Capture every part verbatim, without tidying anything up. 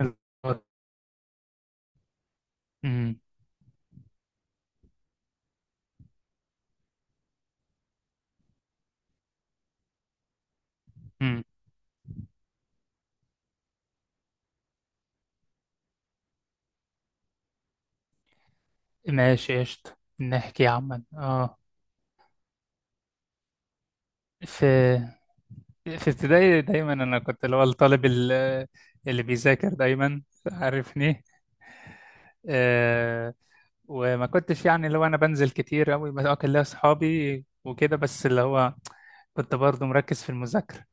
امم أمم. ماشي قشطة نحكي يا عم اه. في في ابتدائي دايما انا كنت اللي هو الطالب ال- اللي بيذاكر دايما، عارفني. آه، وما كنتش يعني اللي هو انا بنزل كتير قوي، بس اه كان ليا اصحابي وكده، بس اللي هو كنت برضه مركز في المذاكرة.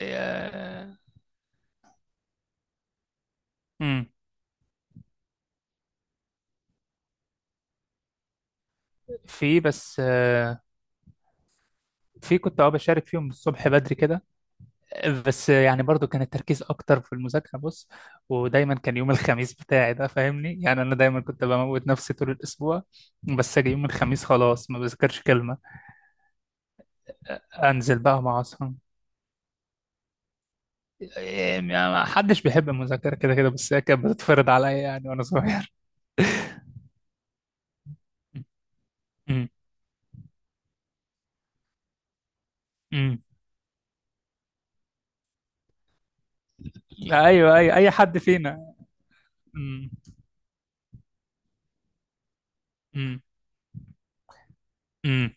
آه، امم في بس آه في كنت اه بشارك فيهم الصبح بدري كده، بس يعني برضو كان التركيز اكتر في المذاكره. بص، ودايما كان يوم الخميس بتاعي ده فاهمني، يعني انا دايما كنت بموت نفسي طول الاسبوع، بس اجي يوم الخميس خلاص ما بذاكرش كلمه، انزل بقى مع اصحابي. إيه، يعني ما حدش بيحب المذاكره كده كده، بس هي كانت بتتفرض عليا يعني وانا صغير. أمم، أمم. ايوه، اي اي حد فينا. أمم، أمم، أمم.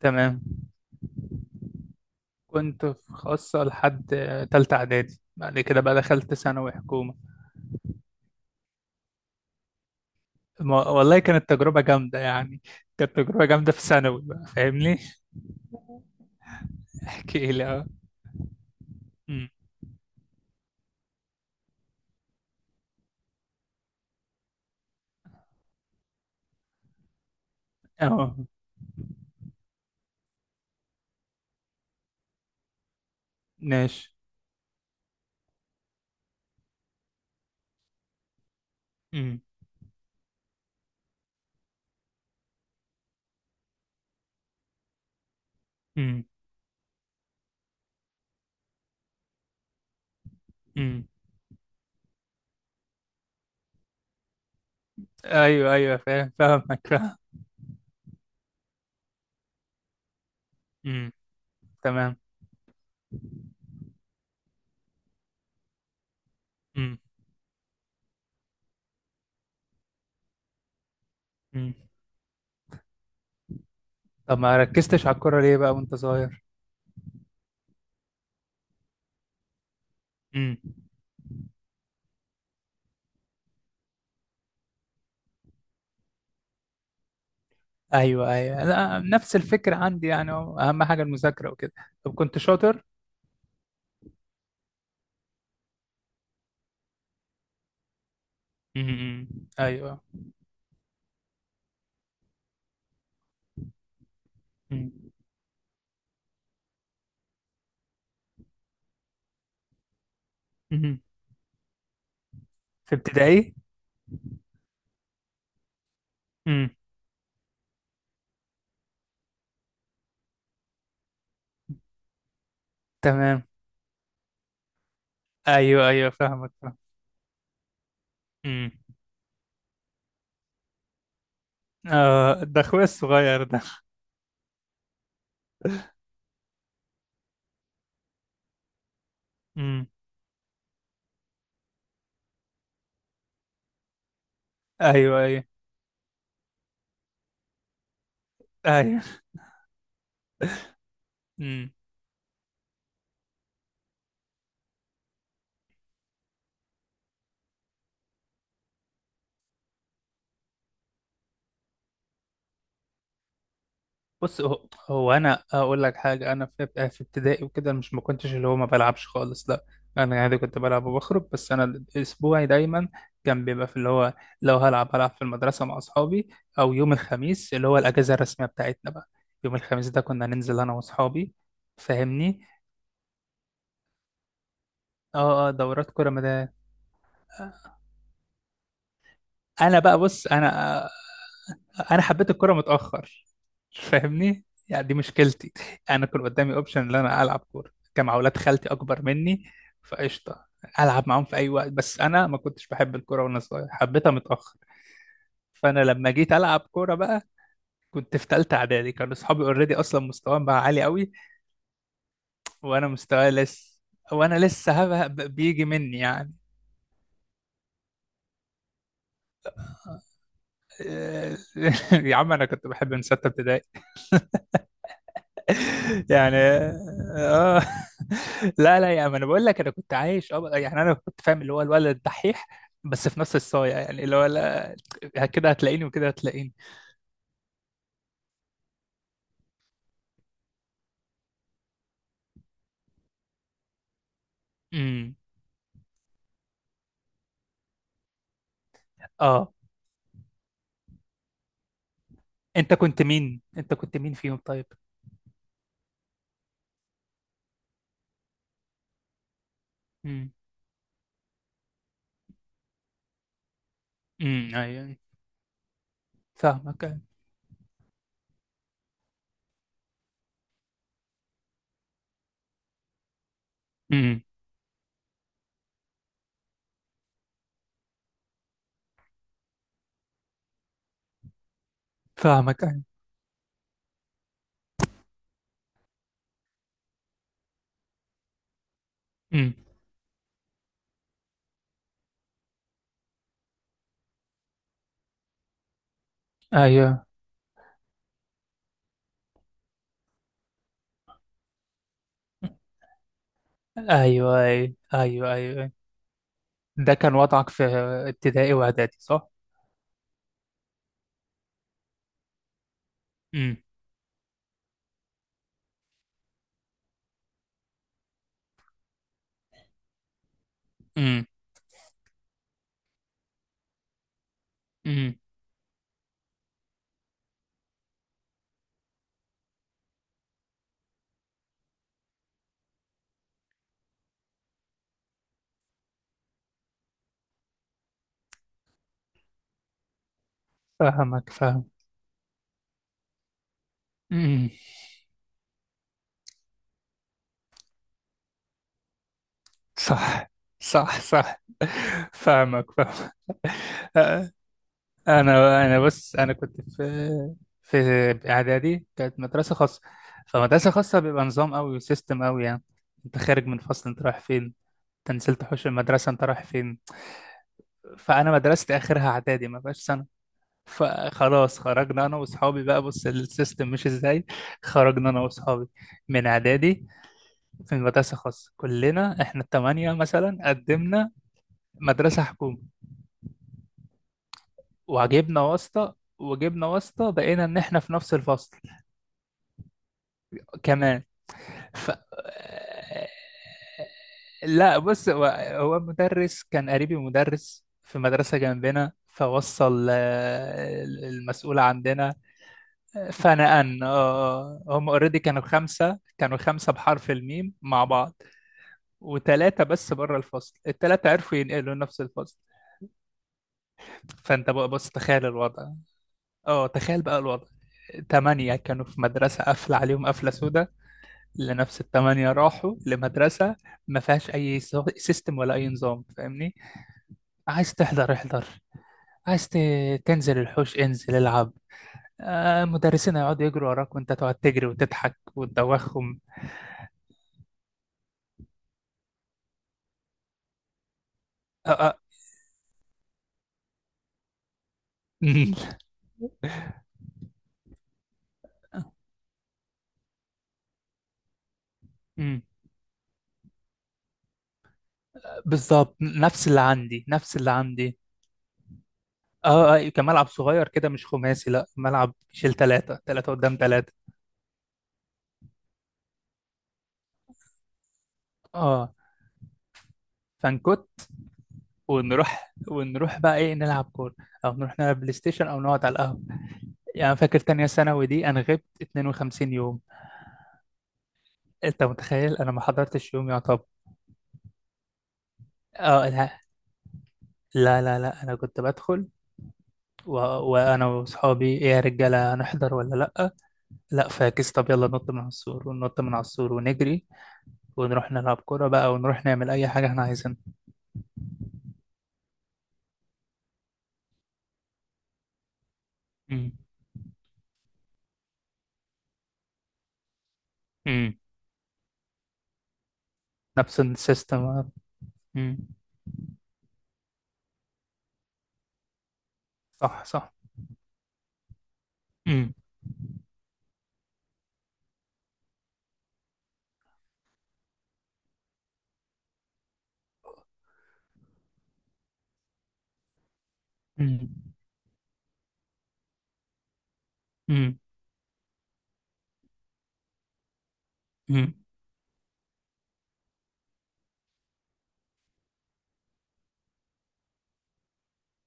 تمام، كنت في خاصه لحد تالته اعدادي، بعد كده بقى دخلت ثانوي حكومه. ما- والله كانت تجربة جامدة يعني. كانت تجربة جامدة في ثانوي بقى فاهمني. احكي لي اه. أمم. اه، ماشي. أمم. أمم. أمم. ايوه ايوه، فاهم فاهمك فاهم. أمم. تمام. أمم. أمم. طب ما ركزتش على الكورة ليه بقى وانت صغير؟ أمم. ايوه ايوه، لا نفس الفكرة عندي يعني، هو اهم حاجة المذاكرة وكده. طب كنت شاطر. أمم. أمم. ايوه. أمم. أمم. في ابتدائي. أمم. تمام. ايوه ايوه فاهمك فاهم. آه، ده اخويا الصغير ده. امم، ايوه ايوه ايوه. امم، بص هو, هو انا اقول لك حاجه، انا في اب- في ابتدائي وكده مش، ما كنتش اللي هو ما بلعبش خالص، لا، انا عادي كنت بلعب وبخرج، بس انا اسبوعي دايما كان بيبقى في اللي هو لو هلعب هلعب في المدرسه مع اصحابي، او يوم الخميس اللي هو الاجازه الرسميه بتاعتنا بقى، يوم الخميس ده كنا ننزل انا واصحابي، فاهمني. اه اه، دورات كره مدى. انا بقى بص انا، انا حبيت الكرة متأخر، فاهمني، يعني دي مشكلتي. انا كان قدامي اوبشن ان انا العب كورة، كان مع ولاد خالتي اكبر مني، فقشطة، العب معاهم في اي وقت، بس انا ما كنتش بحب الكورة وانا صغير، حبيتها متأخر. فانا لما جيت العب كورة بقى، كنت في تالتة اعدادي، كانوا اصحابي اوريدي اصلا مستواهم بقى عالي قوي، وانا مستواي لسه وانا لسه هبه بيجي مني يعني. يا عم انا كنت بحب من ستة ابتدائي. يعني اه. لا لا يعني، ما انا بقول لك انا كنت عايش اه، يعني انا كنت فاهم اللي هو الولد الدحيح، بس في نفس الصايع يعني اللي هو لا، كده هتلاقيني وكده هتلاقيني. امم، اه. انت كنت مين، انت كنت مين فيهم طيب؟ امم. امم ايوه فاهمك أيوة. امم، فاهمك ايوه. امم، ايوه ايوه ايوه ايوه ايوه. ده كان وضعك في ابتدائي واعدادي صح. امم، امم، امم. فاهمك فاهم. امم. صح صح صح، فاهمك فاهمك. انا انا بس انا كنت في، في اعدادي كانت مدرسه خاصه، فمدرسه خاصه بيبقى نظام قوي وسيستم قوي يعني، انت خارج من فصل انت رايح فين؟ انت نزلت حوش المدرسه انت رايح فين؟ فانا مدرستي اخرها اعدادي ما بقاش سنه، فخلاص خرجنا انا واصحابي بقى، بص السيستم مش ازاي، خرجنا انا واصحابي من اعدادي، في مدرسه خاصه كلنا، احنا الثمانيه مثلا قدمنا مدرسه حكومه، وجبنا واسطة، وجبنا واسطة بقينا ان احنا في نفس الفصل كمان. ف... لا بص هو، هو المدرس كان قريبي، مدرس في مدرسة جنبنا، فوصل آه، المسؤول عندنا، فنقلنا آه، آه، هم اوريدي كانوا خمسة، كانوا خمسة بحرف الميم مع بعض، وتلاتة بس بره الفصل، التلاتة عرفوا ينقلوا نفس الفصل. فانت بقى بص تخيل الوضع، اه تخيل بقى الوضع، تمانية كانوا في مدرسة قافلة عليهم قفلة سودا، لنفس التمانية راحوا لمدرسة ما فيهاش أي سو- سيستم ولا أي نظام فاهمني. عايز تحضر احضر، عايز ت- تنزل الحوش انزل العب. آه، مدرسين هيقعدوا يجروا وراك وانت تقعد تجري وتضحك وتدوخهم. آه آه. أمم. بالظبط نفس اللي عندي، نفس اللي عندي. اه اه، كان ملعب صغير كده مش خماسي، لا ملعب يشيل ثلاثة ثلاثة قدام ثلاثة. اه، فنكت، ونروح ونروح بقى ايه نلعب كورة، او نروح نلعب بلاي ستيشن، او نقعد على القهوة. يعني أنا فاكر تانية ثانوي دي انا غبت اتنين وخمسين يوم. انت متخيل انا ما حضرتش يوم يعتبر. اه، لا لا لا لا، انا كنت بدخل و... وانا واصحابي ايه يا رجاله، هنحضر ولا لا؟ لا فاكس، طب يلا ننط من على السور، وننط من على السور ونجري ونروح نلعب كورة بقى، ونروح نعمل اي حاجة احنا عايزينها. أمم، أمم. نفس السيستم. أمم، صح صح. أمم، أمم، أمم، أمم،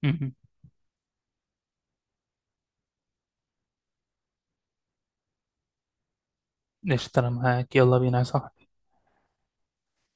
أمم. قشطة، أنا معاك، يلا بينا صح.